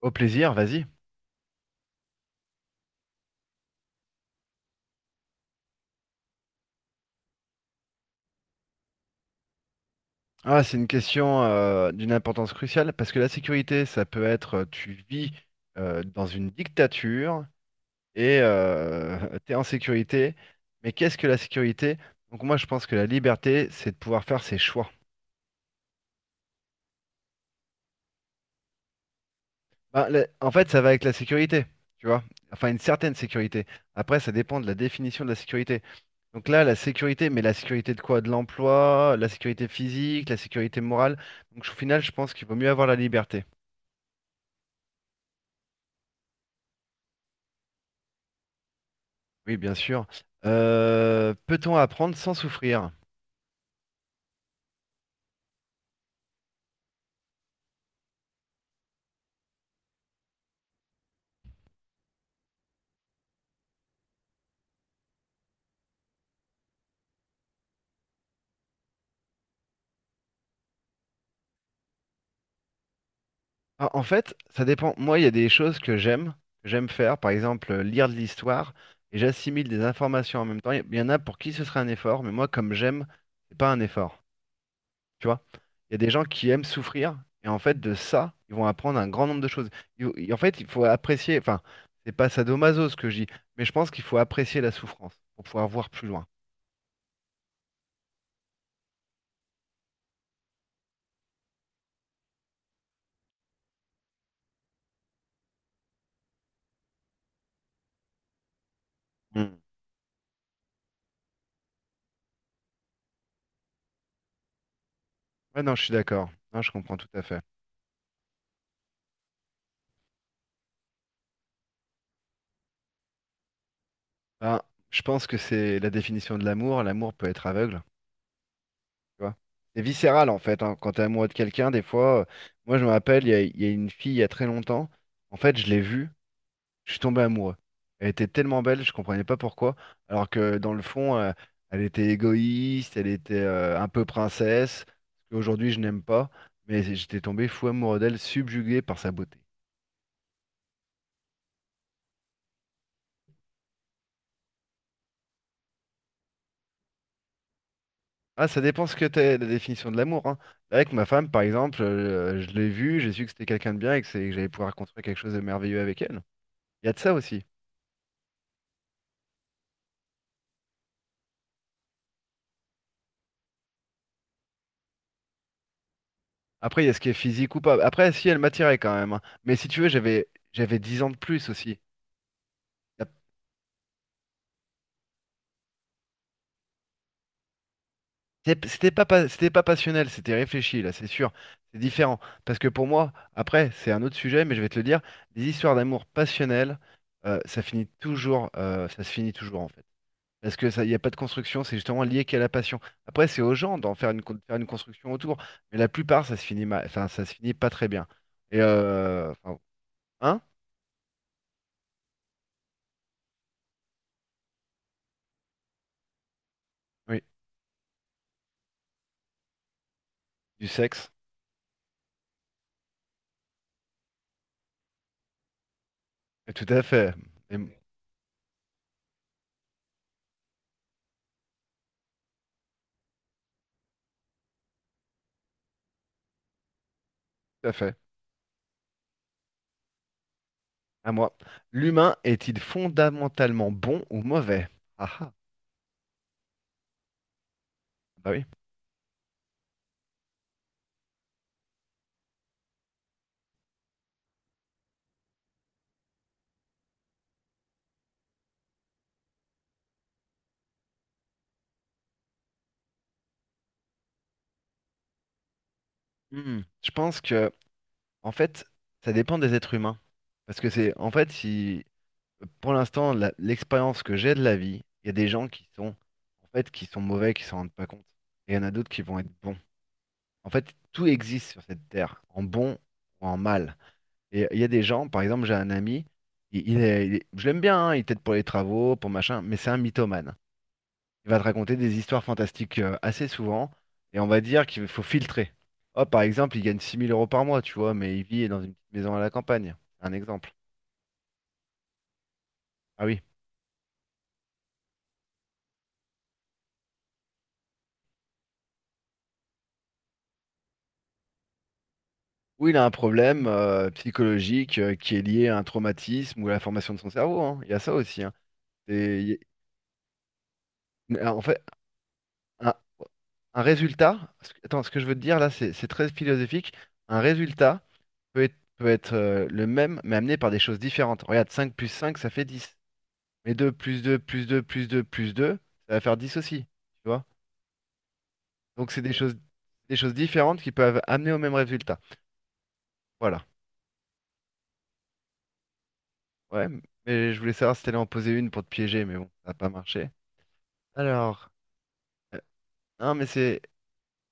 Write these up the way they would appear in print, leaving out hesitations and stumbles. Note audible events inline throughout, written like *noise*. Au plaisir, vas-y. Ah, c'est une question d'une importance cruciale parce que la sécurité, ça peut être, tu vis dans une dictature et tu es *laughs* en sécurité. Mais qu'est-ce que la sécurité? Donc moi, je pense que la liberté, c'est de pouvoir faire ses choix. Ben, en fait, ça va avec la sécurité, tu vois. Enfin, une certaine sécurité. Après, ça dépend de la définition de la sécurité. Donc là, la sécurité, mais la sécurité de quoi? De l'emploi, la sécurité physique, la sécurité morale. Donc au final, je pense qu'il vaut mieux avoir la liberté. Oui, bien sûr. Peut-on apprendre sans souffrir? Ah, en fait, ça dépend. Moi, il y a des choses que j'aime faire. Par exemple, lire de l'histoire et j'assimile des informations en même temps. Il y en a pour qui ce serait un effort, mais moi, comme j'aime, c'est pas un effort. Tu vois? Il y a des gens qui aiment souffrir et en fait, de ça, ils vont apprendre un grand nombre de choses. En fait, il faut apprécier. Enfin, c'est pas sadomaso ce que je dis, mais je pense qu'il faut apprécier la souffrance pour pouvoir voir plus loin. Mm. Ouais, non, je suis d'accord. Non, je comprends tout à fait. Ben, je pense que c'est la définition de l'amour. L'amour peut être aveugle, tu vois. C'est viscéral en fait, hein. Quand t'es amoureux de quelqu'un, des fois, moi je me rappelle, il y a une fille il y a très longtemps. En fait, je l'ai vue, je suis tombé amoureux. Elle était tellement belle, je comprenais pas pourquoi. Alors que dans le fond, elle était égoïste, elle était, un peu princesse. Aujourd'hui, je n'aime pas, mais j'étais tombé fou amoureux d'elle, subjugué par sa beauté. Ah, ça dépend ce que t'es, la définition de l'amour, hein. Avec ma femme, par exemple, je l'ai vue, j'ai su que c'était quelqu'un de bien et que, que j'allais pouvoir construire quelque chose de merveilleux avec elle. Il y a de ça aussi. Après, il y a ce qui est physique ou pas. Après, si, elle m'attirait quand même, hein. Mais si tu veux, j'avais dix ans de plus aussi. La- C'était pas, c'était pas passionnel, c'était réfléchi, là, c'est sûr. C'est différent. Parce que pour moi, après, c'est un autre sujet, mais je vais te le dire, les histoires d'amour passionnelles, ça se finit toujours, en fait. Parce que ça, il n'y a pas de construction, c'est justement lié qu'à la passion. Après, c'est aux gens d'en faire une, faire une construction autour, mais la plupart, ça se finit mal, enfin, ça se finit pas très bien. Et hein? Oui, du sexe. Et tout à fait. Et tout à fait. À moi. L'humain est-il fondamentalement bon ou mauvais? Ah ah, bah oui. Hmm. Je pense que, en fait, ça dépend des êtres humains. Parce que c'est, en fait, si pour l'instant, l'expérience que j'ai de la vie, il y a des gens qui sont, en fait, qui sont mauvais, qui s'en rendent pas compte. Et il y en a d'autres qui vont être bons. En fait, tout existe sur cette terre, en bon ou en mal. Et il y a des gens, par exemple, j'ai un ami, il est- je l'aime bien, hein, il t'aide pour les travaux, pour machin, mais c'est un mythomane. Il va te raconter des histoires fantastiques, assez souvent, et on va dire qu'il faut filtrer. Oh, par exemple, il gagne 6 000 euros par mois, tu vois, mais il vit dans une petite maison à la campagne. C'est un exemple. Ah oui. Ou il a un problème, psychologique, qui est lié à un traumatisme ou à la formation de son cerveau, hein. Il y a ça aussi, hein. Et il y en fait, un, un résultat, attends, ce que je veux te dire là, c'est très philosophique. Un résultat peut être, le même, mais amené par des choses différentes. Regarde, 5 plus 5, ça fait 10. Mais 2 plus 2 plus 2 plus 2 plus 2, ça va faire 10 aussi. Tu vois? Donc c'est des choses différentes qui peuvent amener au même résultat. Voilà. Ouais, mais je voulais savoir si t'allais en poser une pour te piéger, mais bon, ça n'a pas marché. Alors, euh, non, mais c'est,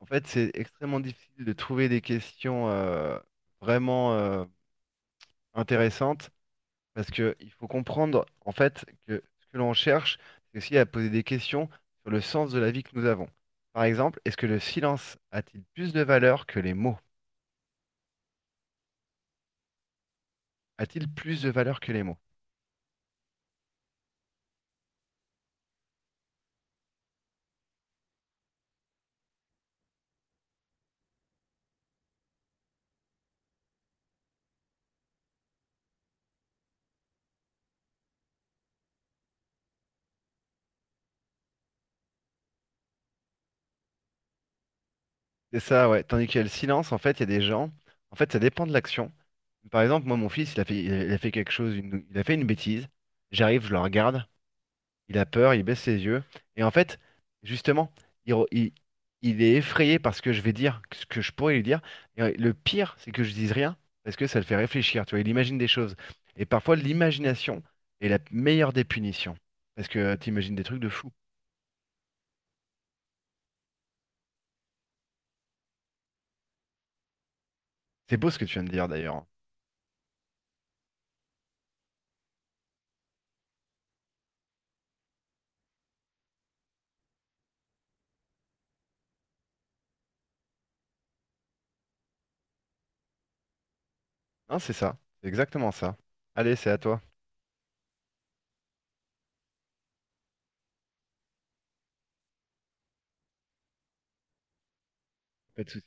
en fait, c'est extrêmement difficile de trouver des questions, vraiment intéressantes parce que il faut comprendre, en fait, que ce que l'on cherche, c'est aussi à poser des questions sur le sens de la vie que nous avons. Par exemple, est-ce que le silence a-t-il plus de valeur que les mots? A-t-il plus de valeur que les mots? C'est ça, ouais. Tandis qu'il y a le silence, en fait, il y a des gens, en fait, ça dépend de l'action. Par exemple, moi, mon fils, il a fait quelque chose, il a fait une bêtise. J'arrive, je le regarde. Il a peur, il baisse ses yeux. Et en fait, justement, il, re- il- il est effrayé par ce que je vais dire, ce que je pourrais lui dire. Et le pire, c'est que je dise rien, parce que ça le fait réfléchir, tu vois, il imagine des choses. Et parfois, l'imagination est la meilleure des punitions, parce que tu imagines des trucs de fou. C'est beau ce que tu viens de dire d'ailleurs. Hein, c'est ça, c'est exactement ça. Allez, c'est à toi. Pas de souci.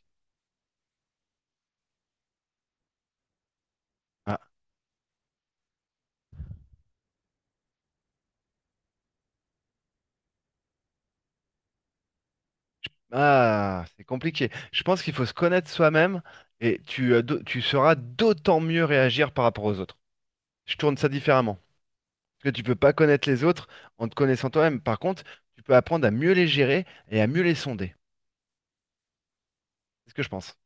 Ah, ah, c'est compliqué. Je pense qu'il faut se connaître soi-même et tu, tu sauras d'autant mieux réagir par rapport aux autres. Je tourne ça différemment. Parce que tu peux pas connaître les autres en te connaissant toi-même. Par contre, tu peux apprendre à mieux les gérer et à mieux les sonder. C'est ce que je pense.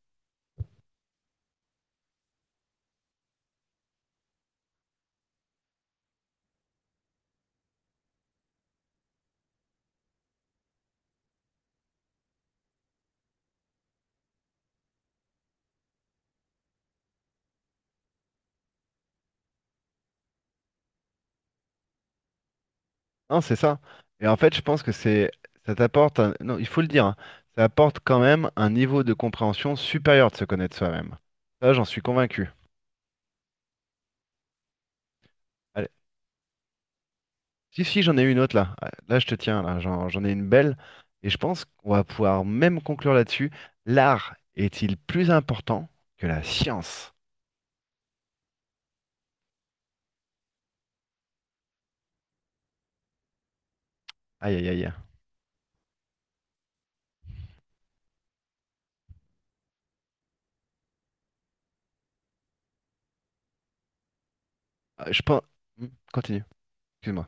Non, c'est ça. Et en fait, je pense que c'est, non, il faut le dire, hein, ça apporte quand même un niveau de compréhension supérieur de se connaître soi-même. Ça, j'en suis convaincu. Allez. Si, si, j'en ai une autre là. Ah, là, je te tiens, là, j'en ai une belle. Et je pense qu'on va pouvoir même conclure là-dessus. L'art est-il plus important que la science? Aïe, aïe, aïe. Ah, je pense. Hmm, continue. Excuse-moi.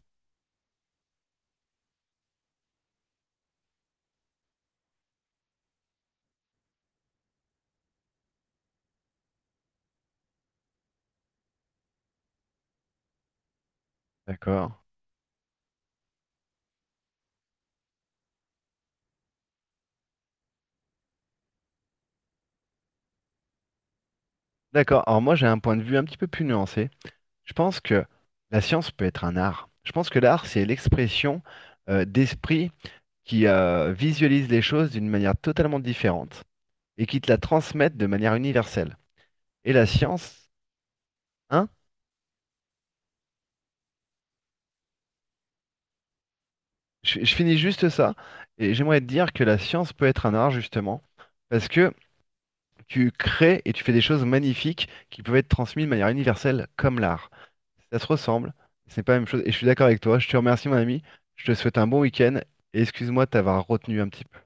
D'accord. D'accord. Alors moi, j'ai un point de vue un petit peu plus nuancé. Je pense que la science peut être un art. Je pense que l'art, c'est l'expression, d'esprit qui, visualise les choses d'une manière totalement différente et qui te la transmettent de manière universelle. Et la science, hein? Je finis juste ça. Et j'aimerais te dire que la science peut être un art, justement, parce que tu crées et tu fais des choses magnifiques qui peuvent être transmises de manière universelle comme l'art. Ça se ressemble, c'est pas la même chose. Et je suis d'accord avec toi. Je te remercie, mon ami. Je te souhaite un bon week-end. Et excuse-moi de t'avoir retenu un petit peu.